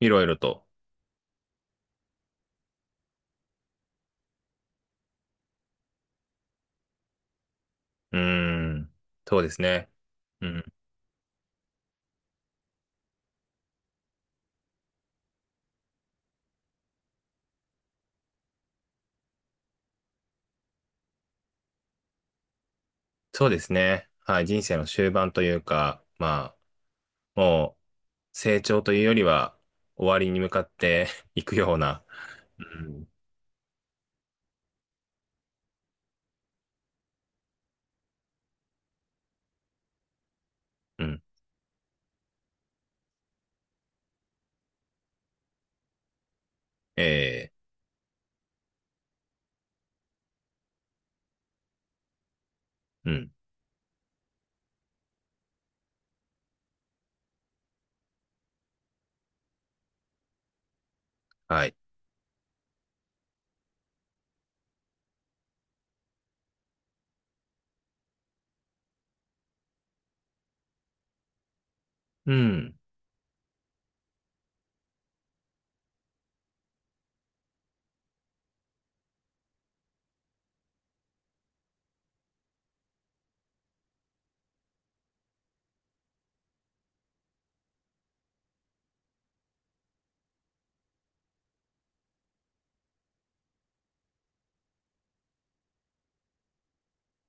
いろいろと。うーん。そうですね。うん。そうですね。はい。人生の終盤というか、まあ、もう、成長というよりは、終わりに向かって いくような。うん。うん。ええ。うん。はい。うん。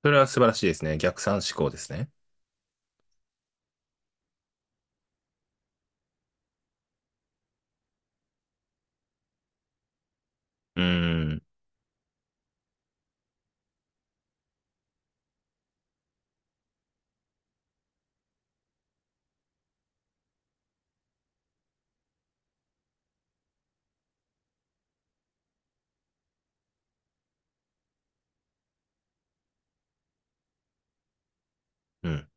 それは素晴らしいですね。逆算思考ですね。うーん。うん。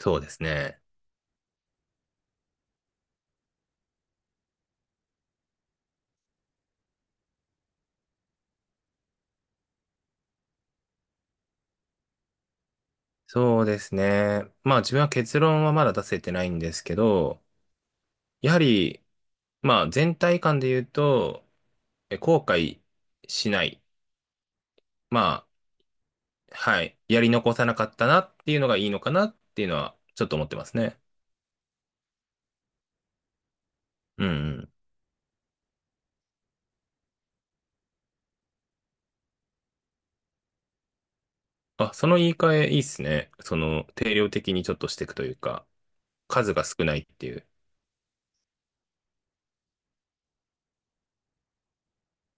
そうですね。そうですね。まあ自分は結論はまだ出せてないんですけど、やはり、まあ、全体感で言うと、後悔しない。まあ、はい。やり残さなかったなっていうのがいいのかなっていうのは、ちょっと思ってますね。うんうん。あ、その言い換えいいっすね。その、定量的にちょっとしていくというか、数が少ないっていう。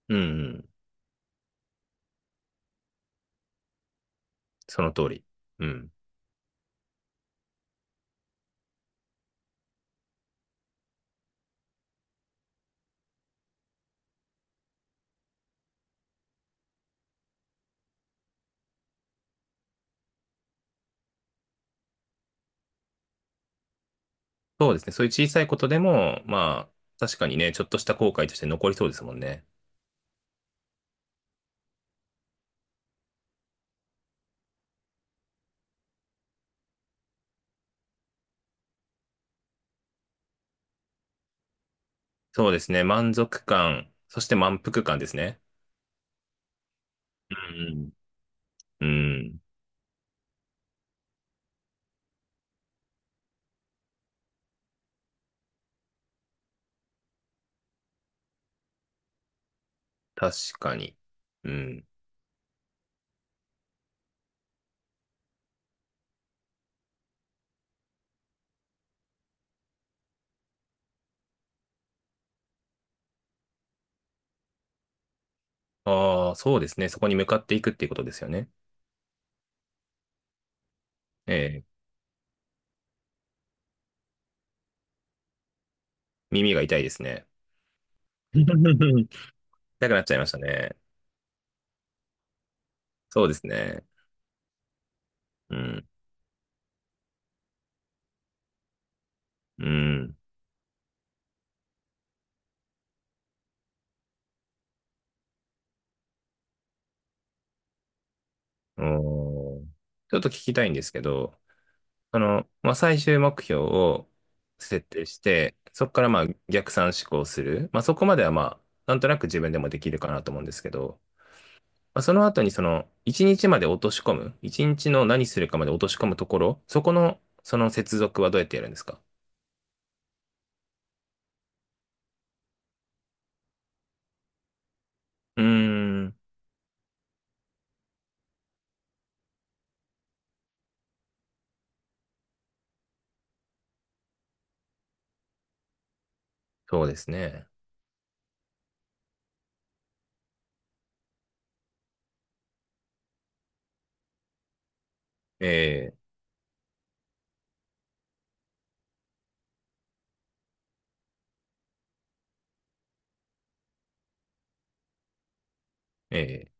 うんうん。その通り。うん。そうですね。そういう小さいことでも、まあ、確かにね、ちょっとした後悔として残りそうですもんね。そうですね。満足感、そして満腹感ですね。うんうん。うん。確かに。うん。ああ、そうですね。そこに向かっていくっていうことですよね。ええ、耳が痛いですね。痛くなっちゃいましたね。そうですね。うん。うん。おー、ちょっと聞きたいんですけど、まあ、最終目標を設定して、そこからまあ逆算思考する。まあ、そこまではまあ、なんとなく自分でもできるかなと思うんですけど、まあその後に一日まで落とし込む、一日の何するかまで落とし込むところ、そこの、その接続はどうやってやるんですか？うーん、そうですね。ええ、ええ。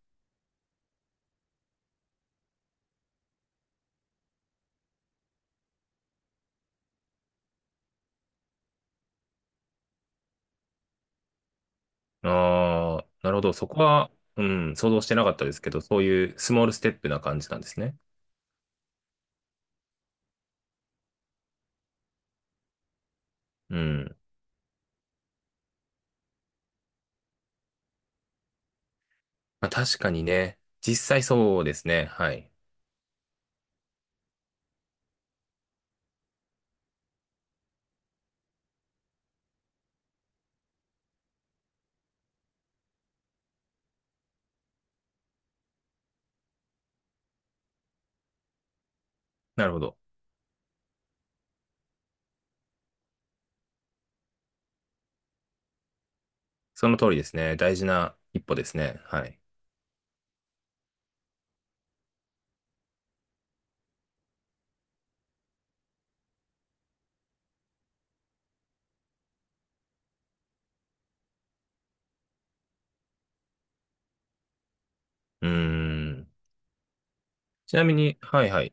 ああ、なるほど。そこは、うん、想像してなかったですけど、そういうスモールステップな感じなんですね。うん。まあ、確かにね、実際そうですね。はい。なるほど。その通りですね。大事な一歩ですね。はい。うーん。ちなみに、はいはい。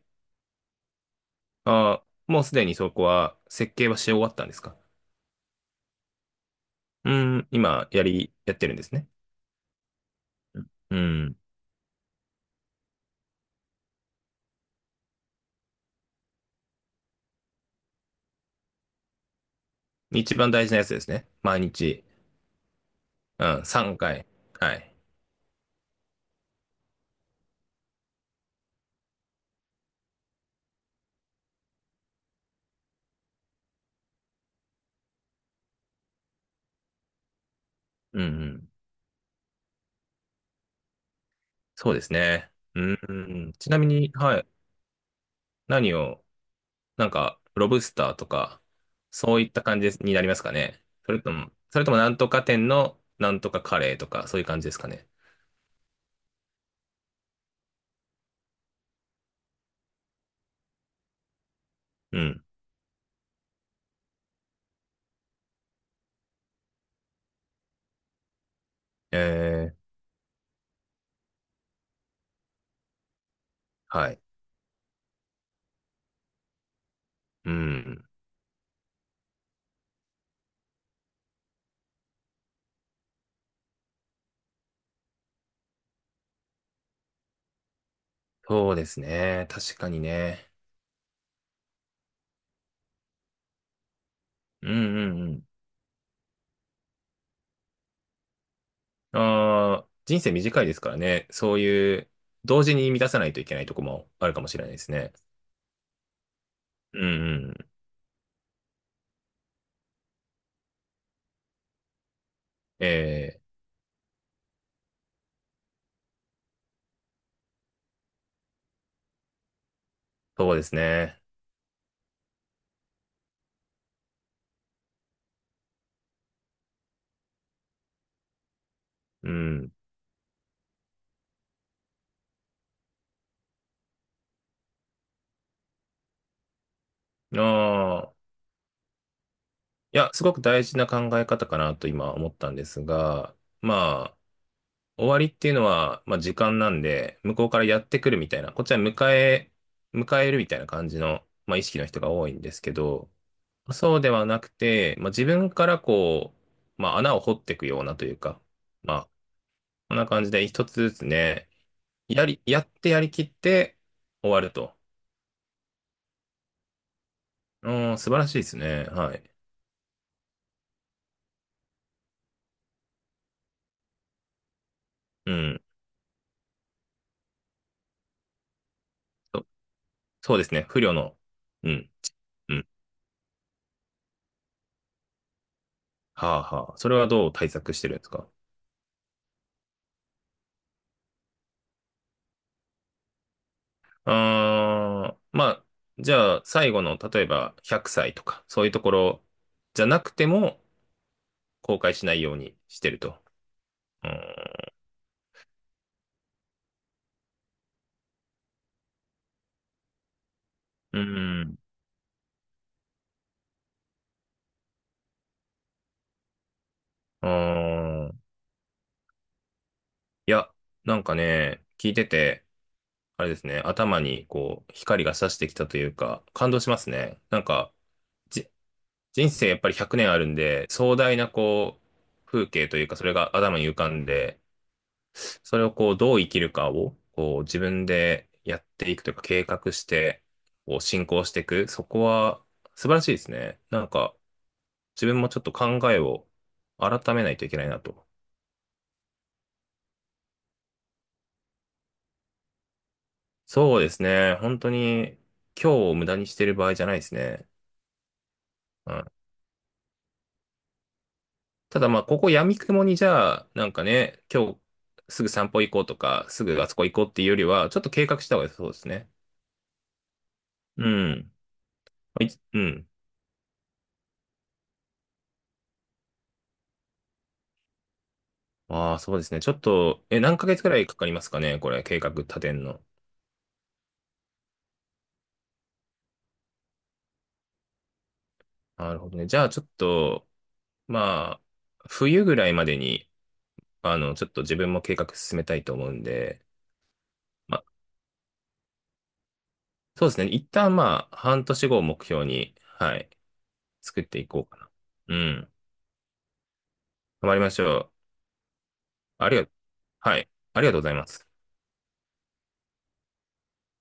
ああ、もうすでにそこは設計はし終わったんですか？うん、今、やってるんですね。うん。一番大事なやつですね。毎日。うん、3回。はい。うん、うん。そうですね。うん、うん。ちなみに、はい。何を、なんか、ロブスターとか、そういった感じになりますかね。それともなんとか店のなんとかカレーとか、そういう感じですかね。うん。えー、はい。うん。そうですね。確かにね。うん、うん、ああ、人生短いですからね。そういう、同時に満たさないといけないとこもあるかもしれないですね。うんうん。ええ、そうですね。うん。ああ、いや、すごく大事な考え方かなと今思ったんですが、まあ、終わりっていうのは、まあ時間なんで、向こうからやってくるみたいな、こっちは迎えるみたいな感じの、まあ意識の人が多いんですけど、そうではなくて、まあ自分からこう、まあ穴を掘っていくようなというか、まあ、こんな感じで一つずつね、やってやりきって終わると。うん、素晴らしいですね。はい。うん。そそうですね。不慮の。うん。うん。はあはあ。それはどう対策してるんですか？あー、まあ、じゃあ、最後の、例えば100歳とか、そういうところじゃなくても、後悔しないようにしてると。うん。うん。あー、いや、なんかね、聞いてて、あれですね、頭にこう、光が差してきたというか、感動しますね。なんか、じ、人生やっぱり100年あるんで、壮大なこう、風景というか、それが頭に浮かんで、それをこう、どう生きるかを、こう、自分でやっていくというか、計画して、こう、進行していく。そこは、素晴らしいですね。なんか、自分もちょっと考えを改めないといけないなと。そうですね、本当に、今日を無駄にしてる場合じゃないですね。うん。ただまあ、ここ闇雲にじゃあ、なんかね、今日すぐ散歩行こうとか、すぐあそこ行こうっていうよりは、ちょっと計画した方が良さそうですね。うん。はい、うん。ああ、そうですね。ちょっと、何ヶ月くらいかかりますかね、これ、計画立てんの？なるほどね。じゃあ、ちょっと、まあ、冬ぐらいまでに、ちょっと自分も計画進めたいと思うんで、まあ、そうですね。一旦まあ、半年後を目標に、はい、作っていこうかな。うん。頑張りましょう。ありが、はい、ありがとうございます。